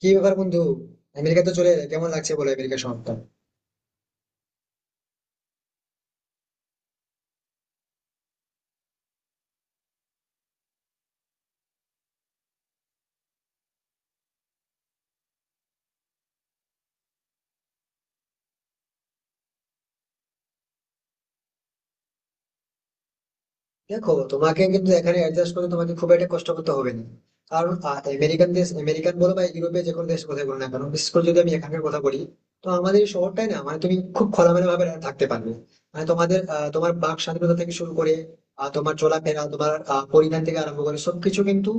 কি ব্যাপার, বন্ধু? আমেরিকা তো চলে এলে, কেমন লাগছে বলো আমেরিকা শহরটা? দেখো, তোমাকে কিন্তু এখানে অ্যাডজাস্ট করে তোমাকে খুব একটা কষ্ট করতে হবে না। কারণ আমেরিকান দেশ আমেরিকান বলো বা ইউরোপের যে কোনো দেশ কথা বলো না কেন, বিশেষ করে যদি আমি এখানকার কথা বলি। তো আমাদের এই শহরটাই না, মানে তুমি খুব খোলামেলা ভাবে থাকতে পারবে। মানে তোমাদের তোমার বাক স্বাধীনতা থেকে শুরু করে তোমার চলাফেরা, তোমার পরিধান থেকে আরম্ভ করে সবকিছু কিন্তু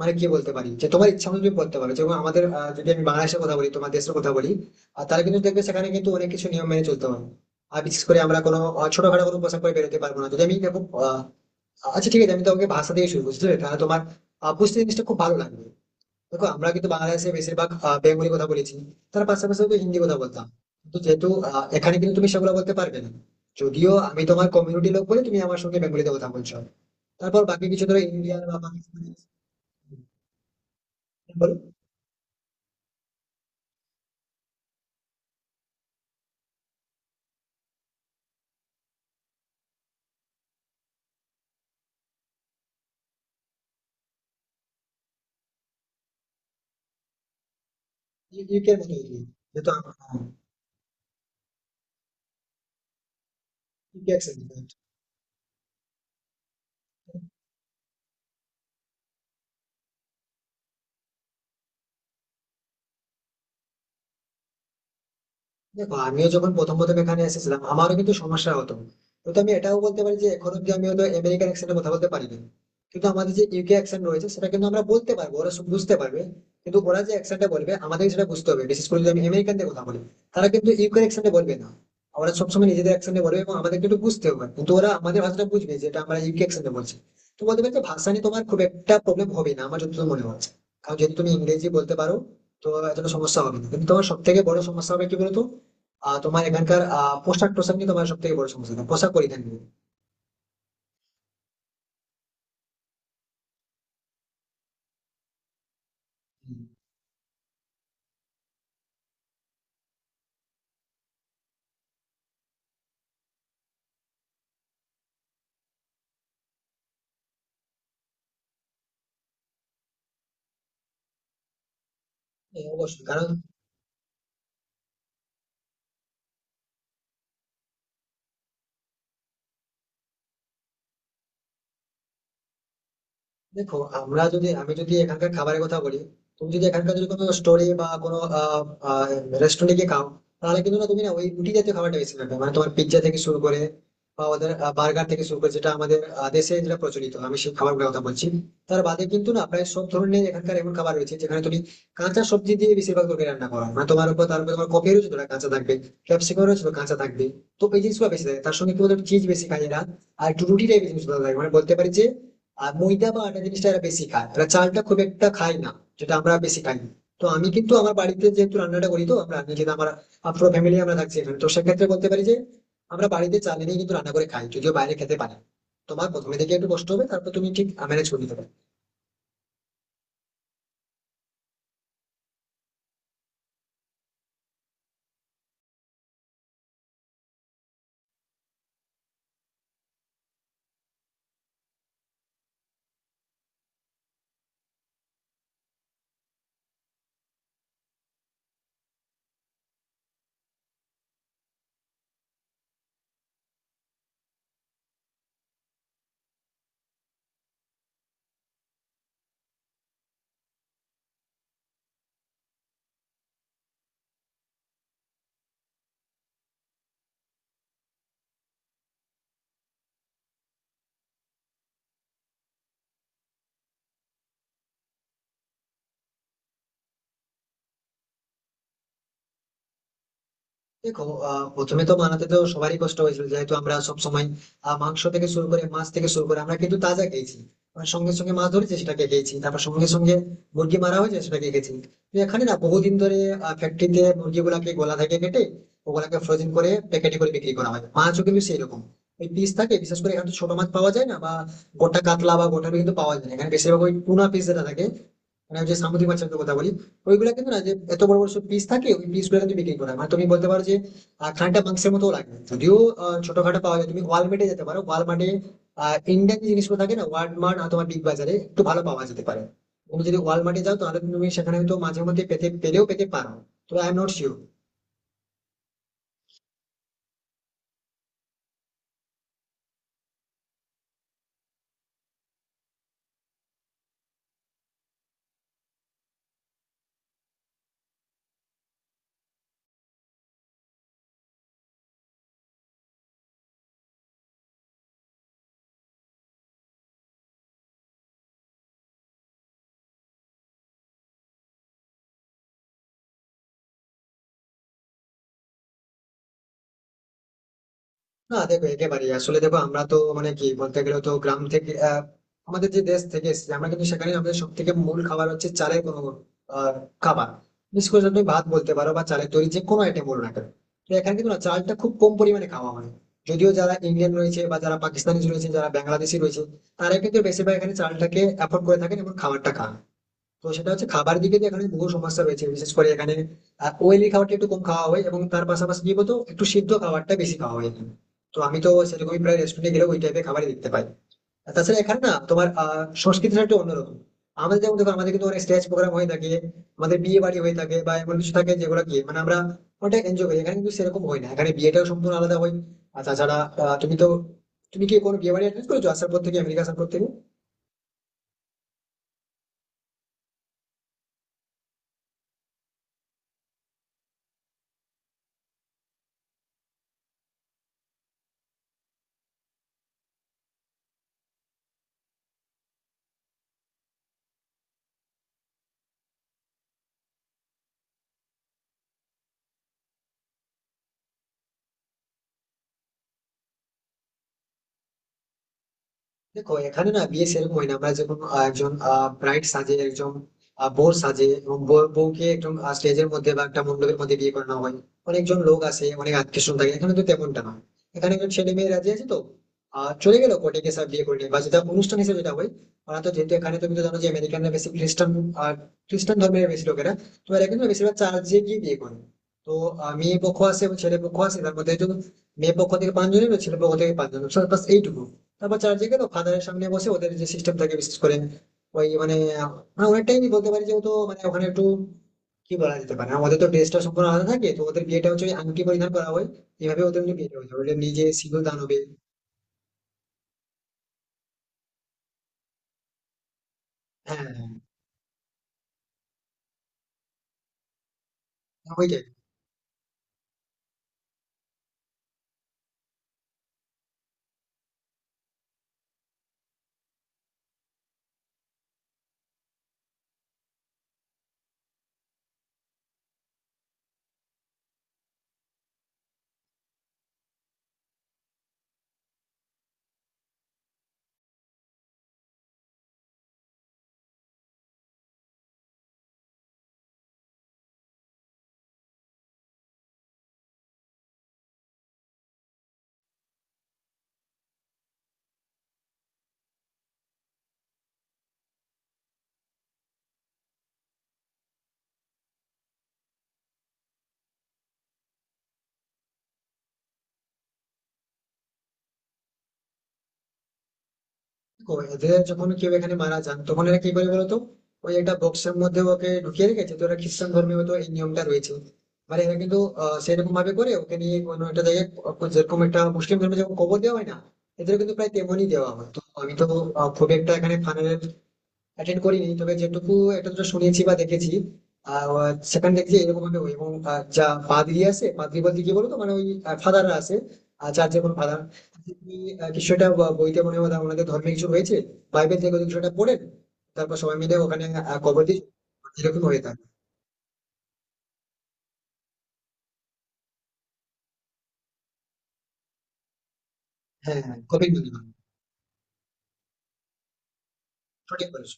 মানে কি বলতে পারি যে তোমার ইচ্ছা মতো তুমি করতে পারো। যেমন আমাদের যদি আমি বাংলাদেশের কথা বলি, তোমার দেশের কথা বলি, আর তারা কিন্তু দেখবে সেখানে কিন্তু অনেক কিছু নিয়ম মেনে চলতে হয়। আর বিশেষ করে আমরা কোনো ছোটখাটো কোনো পোশাক পরে বেরোতে পারবো না। যদি আমি দেখো আহ, আচ্ছা ঠিক আছে, আমি তোমাকে ভাষা দিয়ে শুরু করছি তাহলে। তোমার বুঝতে জিনিসটা খুব ভালো লাগবে। দেখো, আমরা কিন্তু বাংলাদেশে বেশিরভাগ বেঙ্গলি কথা বলেছি, তার পাশাপাশি তো হিন্দি কথা বলতাম। কিন্তু যেহেতু এখানে কিন্তু তুমি সেগুলো বলতে পারবে না, যদিও আমি তোমার কমিউনিটি লোক বলে তুমি আমার সঙ্গে বেঙ্গলিতে কথা বলছো। তারপর বাকি কিছু ধরো ইন্ডিয়ান বা পাকিস্তানি বলো, ইউকে এর মতো। যেহেতু হ্যাঁ, UK accent। দেখো, আমিও যখন প্রথম প্রথম এখানে এসেছিলাম, আমারও কিন্তু সমস্যা হতো। কিন্তু আমি এটাও বলতে পারি যে এখন অব্দি আমি হয়তো আমেরিকান অ্যাকসেন্টে কথা বলতে পারিনি, কিন্তু আমাদের যে ইউকে অ্যাকসেন্ট রয়েছে সেটা কিন্তু আমরা বলতে পারবো, ওরা সব বুঝতে পারবে। কিন্তু ওরা যে অ্যাকসেন্টটা বলবে আমাদের সেটা বুঝতে হবে, বিশেষ করে যদি আমি আমেরিকানদের কথা বলি। তারা কিন্তু ইউকে অ্যাকসেন্টে বলবে না, ওরা সবসময় নিজেদের অ্যাকসেন্টে বলবে, এবং আমাদেরকে একটু বুঝতে হবে। কিন্তু ওরা আমাদের ভাষাটা বুঝবে, যেটা আমরা ইউকে অ্যাকসেন্টে বলছি। তো বলতে পারি যে ভাষা নিয়ে তোমার খুব একটা প্রবলেম হবে না, আমার যতদূর মনে হচ্ছে। কারণ যদি তুমি ইংরেজি বলতে পারো, তো এতটা সমস্যা হবে না। কিন্তু তোমার সব থেকে বড় সমস্যা হবে কি বলতো, তোমার এখানকার পোশাক টোশাক নিয়ে, তোমার সব থেকে বড় সমস্যা তোমার পোশাক পরিধান নিয়ে। হ্যাঁ, অবশ্যই। কারণ দেখো, আমরা যদি আমি যদি এখানকার খাবারের কথা বলি, তুমি যদি এখানকার যদি কোনো স্টোরে বা কোনো রেস্টুরেন্টে গিয়ে খাও, তাহলে কিন্তু না তুমি না ওই রুটি জাতীয় খাবারটা বেশি পাবে। মানে তোমার পিৎজা থেকে শুরু করে বা ওদের বার্গার থেকে শুরু করে, যেটা আমাদের দেশে যেটা প্রচলিত, আমি সেই খাবারগুলোর কথা বলছি। তার বাদে কিন্তু না প্রায় সব ধরনের এখানকার এমন খাবার রয়েছে যেখানে তুমি কাঁচা সবজি দিয়ে বেশিরভাগ তরকারি রান্না করো। মানে তোমার উপর তার উপর তোমার কপিরও যতটা কাঁচা থাকবে, ক্যাপসিকামও যতটা কাঁচা থাকবে, তো এই জিনিসগুলো বেশি থাকে। তার সঙ্গে কি বলতো, চিজ বেশি খায় এরা, আর একটু রুটিটাই বেশি বেশি ভালো লাগে, মানে বলতে পারি যে আর ময়দা বা আটা জিনিসটা এরা বেশি খায়, এরা চালটা খুব একটা খায় না, যেটা আমরা বেশি খাই। তো আমি কিন্তু আমার বাড়িতে যেহেতু রান্নাটা করি, তো আমরা নিজেদের আমার পুরো ফ্যামিলি আমরা থাকছি এখানে, তো সেক্ষেত্রে বলতে পারি যে আমরা বাড়িতে চাল এনেই কিন্তু রান্না করে খাই, যদিও বাইরে খেতে পারি। তোমার প্রথমে থেকে একটু কষ্ট হবে, তারপর তুমি ঠিক ম্যানেজ করে নিতে পারবে। দেখো, প্রথমে তো বানাতে তো সবারই কষ্ট হয়েছিল, যেহেতু আমরা সব সময় মাংস থেকে শুরু করে মাছ থেকে শুরু করে আমরা কিন্তু তাজা খেয়েছি। আর সঙ্গে সঙ্গে মাছ ধরেছি সেটাকে খেয়েছি, তারপর সঙ্গে সঙ্গে মুরগি মারা হয়েছে সেটাকে খেয়েছি। তো এখানে না বহুদিন ধরে ফ্যাক্টরিতে মুরগিগুলাকে গলা থেকে কেটে ওগুলাকে ফ্রোজেন করে প্যাকেটে করে বিক্রি করা হয়। মাছও কিন্তু সেই রকম, ওই পিস থাকে। বিশেষ করে এখানে তো ছোট মাছ পাওয়া যায় না বা গোটা কাতলা বা গোটা রুই কিন্তু পাওয়া যায় না। এখানে বেশিরভাগ ওই টুনা পিস যেটা থাকে, মানে ওই যে সামুদ্রিক মাছের তো কথা বলি, ওইগুলা কিন্তু না যে এত বড় বড় সব পিস থাকে, ওই পিস গুলো কিন্তু বিক্রি করা হয়। মানে তুমি বলতে পারো যে খানিকটা মাংসের মতো লাগে, যদিও ছোটখাটো পাওয়া যায়। তুমি ওয়ালমার্টে যেতে পারো, ওয়ালমার্টে ইন্ডিয়ান যে জিনিসগুলো থাকে না, ওয়ালমার্ট অথবা বিগ বাজারে একটু ভালো পাওয়া যেতে পারে। তুমি যদি ওয়ালমার্টে যাও তাহলে তুমি সেখানে হয়তো মাঝে মধ্যে পেতে পেলেও পেতে পারো। তো আই এম নট শিওর। না দেখো, একেবারে আসলে দেখো আমরা তো মানে কি বলতে গেলে তো গ্রাম থেকে আমাদের যে দেশ থেকে এসেছি, আমরা কিন্তু সেখানে আমাদের সব থেকে মূল খাবার হচ্ছে চালের কোনো আহ, খাবার। বিশেষ করে তুমি ভাত বলতে পারো বা চালের তৈরি যে কোনো আইটেম বলো না কেন। তো এখানে কিন্তু না চালটা খুব কম পরিমাণে খাওয়া হয়, যদিও যারা ইন্ডিয়ান রয়েছে বা যারা পাকিস্তানি রয়েছে যারা বাংলাদেশি রয়েছে, তারা কিন্তু বেশিরভাগ এখানে চালটাকে অ্যাফোর্ড করে থাকেন এবং খাবারটা খান। তো সেটা হচ্ছে খাবার দিকে যে এখানে বহু সমস্যা রয়েছে। বিশেষ করে এখানে অয়েলি খাবারটা একটু কম খাওয়া হয় এবং তার পাশাপাশি কি বলতো একটু সিদ্ধ খাবারটা বেশি খাওয়া হয় এখানে। তো আমি তো সেরকমই প্রায় রেস্টুরেন্টে গেলে ওই টাইপের খাবারই দেখতে পাই। আর তাছাড়া এখানে না তোমার সংস্কৃতিটা একটু অন্যরকম। আমাদের যেমন দেখো আমাদের কিন্তু অনেক স্টেজ প্রোগ্রাম হয়ে থাকে, আমাদের বিয়ে বাড়ি হয়ে থাকে বা এমন কিছু থাকে যেগুলো কি মানে আমরা অনেকটা এনজয় করি। এখানে কিন্তু সেরকম হয় না, এখানে বিয়েটাও সম্পূর্ণ আলাদা হয়। আর তাছাড়া তুমি তো তুমি কি কোনো বিয়ে বাড়ি অ্যাটেন্ড করেছো আসার পর থেকে, আমেরিকা আসার পর থেকে? দেখো, এখানে না বিয়ে সেরকম হয় না। আমরা যেমন একজন ব্রাইড সাজে, একজন বর সাজে, এবং বউকে একদম স্টেজের মধ্যে বা একটা মণ্ডপের মধ্যে বিয়ে করানো হয়, অনেকজন লোক আসে, অনেক আত্মীয় স্বজন থাকে। এখানে তো তেমনটা নয়, এখানে একজন ছেলে মেয়ে রাজি আছে তো চলে গেলো কোর্টে গিয়ে সব বিয়ে করে নিয়ে, বা যেটা অনুষ্ঠান হিসেবে যেটা হয়। ওরা তো যেহেতু এখানে তুমি তো জানো যে আমেরিকানরা বেশি খ্রিস্টান, আর খ্রিস্টান ধর্মের বেশি লোকেরা, তো এরা কিন্তু বেশিরভাগ চার্চে গিয়ে বিয়ে করে। তো মেয়ে পক্ষ আসে এবং ছেলে পক্ষ আসে, তার মধ্যে একজন, মেয়ে পক্ষ থেকে পাঁচজন এবং ছেলে পক্ষ থেকে পাঁচজন, ব্যাস এইটুকু। তারপর চার্জে গেল, ফাদারের সামনে বসে ওদের যে সিস্টেম থাকে, বিশেষ করে ওই মানে আমরা অনেকটাই বলতে পারি যেহেতু মানে ওখানে একটু কি বলা যেতে পারে, আমাদের তো ড্রেসটা সম্পূর্ণ আলাদা থাকে। তো ওদের বিয়েটা হচ্ছে ওই আংটি পরিধান করা হয়, এইভাবে ওদের বিয়েটা হয়ে যাবে, ওদের নিজে সিঁদুর দান হবে। হ্যাঁ হ্যাঁ, ওইটাই। দেখো, এদের যখন কেউ এখানে মারা যান তখন এরা কি করে বলতো, ওই একটা বক্সের মধ্যে ওকে ঢুকিয়ে রেখেছে, তো এরা খ্রিস্টান ধর্মে হয়তো এই নিয়মটা রয়েছে। মানে এরা কিন্তু সেরকম ভাবে করে ওকে নিয়ে কোনো একটা জায়গায়, যেরকম একটা মুসলিম ধর্মে যখন কবর দেওয়া হয় না, এদের কিন্তু প্রায় তেমনই দেওয়া হয়। তো আমি তো খুব একটা এখানে ফানের অ্যাটেন্ড করিনি, তবে যেটুকু একটা দুটো শুনেছি বা দেখেছি আহ সেখানে দেখছি এরকম ভাবে হয়। এবং যা পাদ্রি আছে, পাদ্রি বলতে কি বলতো মানে ওই ফাদাররা আছে, আর চার্চের কোনো ফাদার তিনি কিছু একটা বইতে মনে হয় ওনাদের ধর্মে কিছু হয়েছে, বাইবেল থেকে ওদের কিছু একটা পড়েন, তারপর সবাই মিলে ওখানে কবর দিয়ে, এরকম হয়ে থাকে। হ্যাঁ হ্যাঁ, কপিল মুনি। সঠিক বলেছো।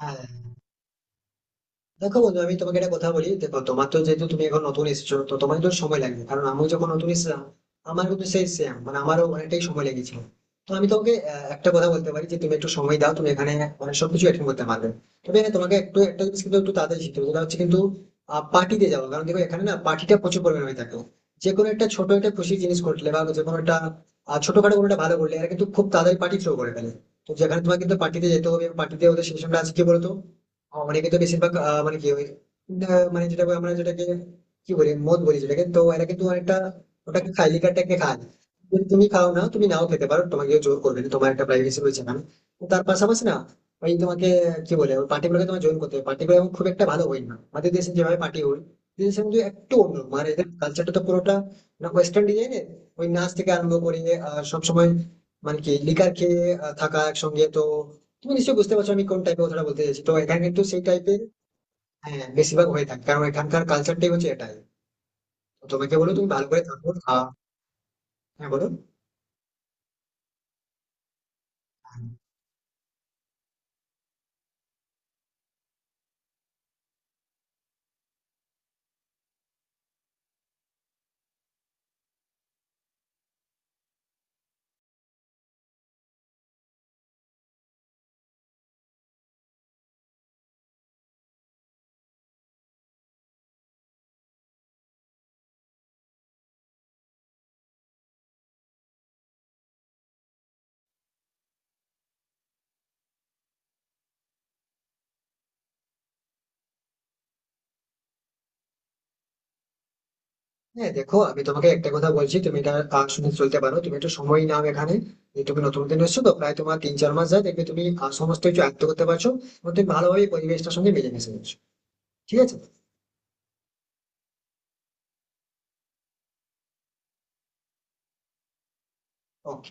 হ্যাঁ দেখো বন্ধু, আমি তোমাকে একটা কথা বলি। দেখো তোমার তো যেহেতু তুমি এখন নতুন এসেছো, তো তোমার তো সময় লাগবে। কারণ আমি যখন নতুন এসেছিলাম, আমার কিন্তু সেই সেম মানে আমারও অনেকটাই সময় লেগেছিল। তো আমি তোমাকে একটা কথা বলতে পারি যে তুমি একটু সময় দাও, তুমি এখানে মানে সবকিছু অ্যাটেন্ড করতে পারবে। তবে হ্যাঁ, তোমাকে একটু একটা জিনিস কিন্তু একটু তাড়াতাড়ি শিখতে হবে, সেটা হচ্ছে কিন্তু পার্টিতে যাওয়া। কারণ দেখো, এখানে না পার্টিটা প্রচুর পরিমাণে হয়ে থাকে। যে কোনো একটা ছোট একটা খুশি জিনিস ঘটলে বা যে কোনো একটা ছোটখাটো কোনো একটা ভালো করলে এরা কিন্তু খুব তাড়াতাড়ি পার্টি থ্রো করে ফেলে। তো যেখানে তোমাকে কিন্তু পার্টিতে যেতে হবে, পার্টিতে ওদের সিস্টেমটা আছে কি বলতো, অনেকে তো বেশিরভাগ মানে কি ওই মানে যেটা আমরা যেটাকে কি বলি, মদ বলি যেটাকে, তো এরা কিন্তু অনেকটা ওটাকে খায়, লিকারটাকে খায়। কিন্তু তুমি খাও না, তুমি নাও খেতে পারো, তোমাকে কেউ জোর করবে না, তোমার একটা প্রাইভেসি রয়েছে না। তো তার পাশাপাশি না ওই তোমাকে কি বলে ওই পার্টিগুলোকে তোমার জয়েন করতে হবে। পার্টিগুলো এখন খুব একটা ভালো হয় না আমাদের দেশে যেভাবে পার্টি হয়, দেশে কিন্তু একটু অন্য, মানে এদের কালচারটা তো পুরোটা না ওয়েস্টার্ন ডিজাইনের। ওই নাচ থেকে আরম্ভ করে সবসময় মানে কি লিকার খেয়ে থাকা একসঙ্গে, তো তুমি নিশ্চয়ই বুঝতে পারছো আমি কোন টাইপের কথাটা বলতে চাইছি। তো এখানে কিন্তু সেই টাইপের বেশিরভাগ হয়ে থাকে, কারণ এখানকার কালচারটাই হচ্ছে এটাই। তো তোমাকে বলো তুমি ভালো করে থাকো খাওয়া। হ্যাঁ বলো। হ্যাঁ দেখো, আমি তোমাকে একটা কথা বলছি, তুমি এটা শুনে চলতে পারো। তুমি একটু সময় নাও এখানে, যে তুমি নতুন দিন এসছো, তো প্রায় তোমার তিন চার মাস যায়, দেখবে তুমি সমস্ত কিছু আয়ত্ত করতে পারছো এবং তুমি ভালোভাবে এই পরিবেশটার সঙ্গে মিলেমিশে যাচ্ছো, ঠিক আছে? ওকে।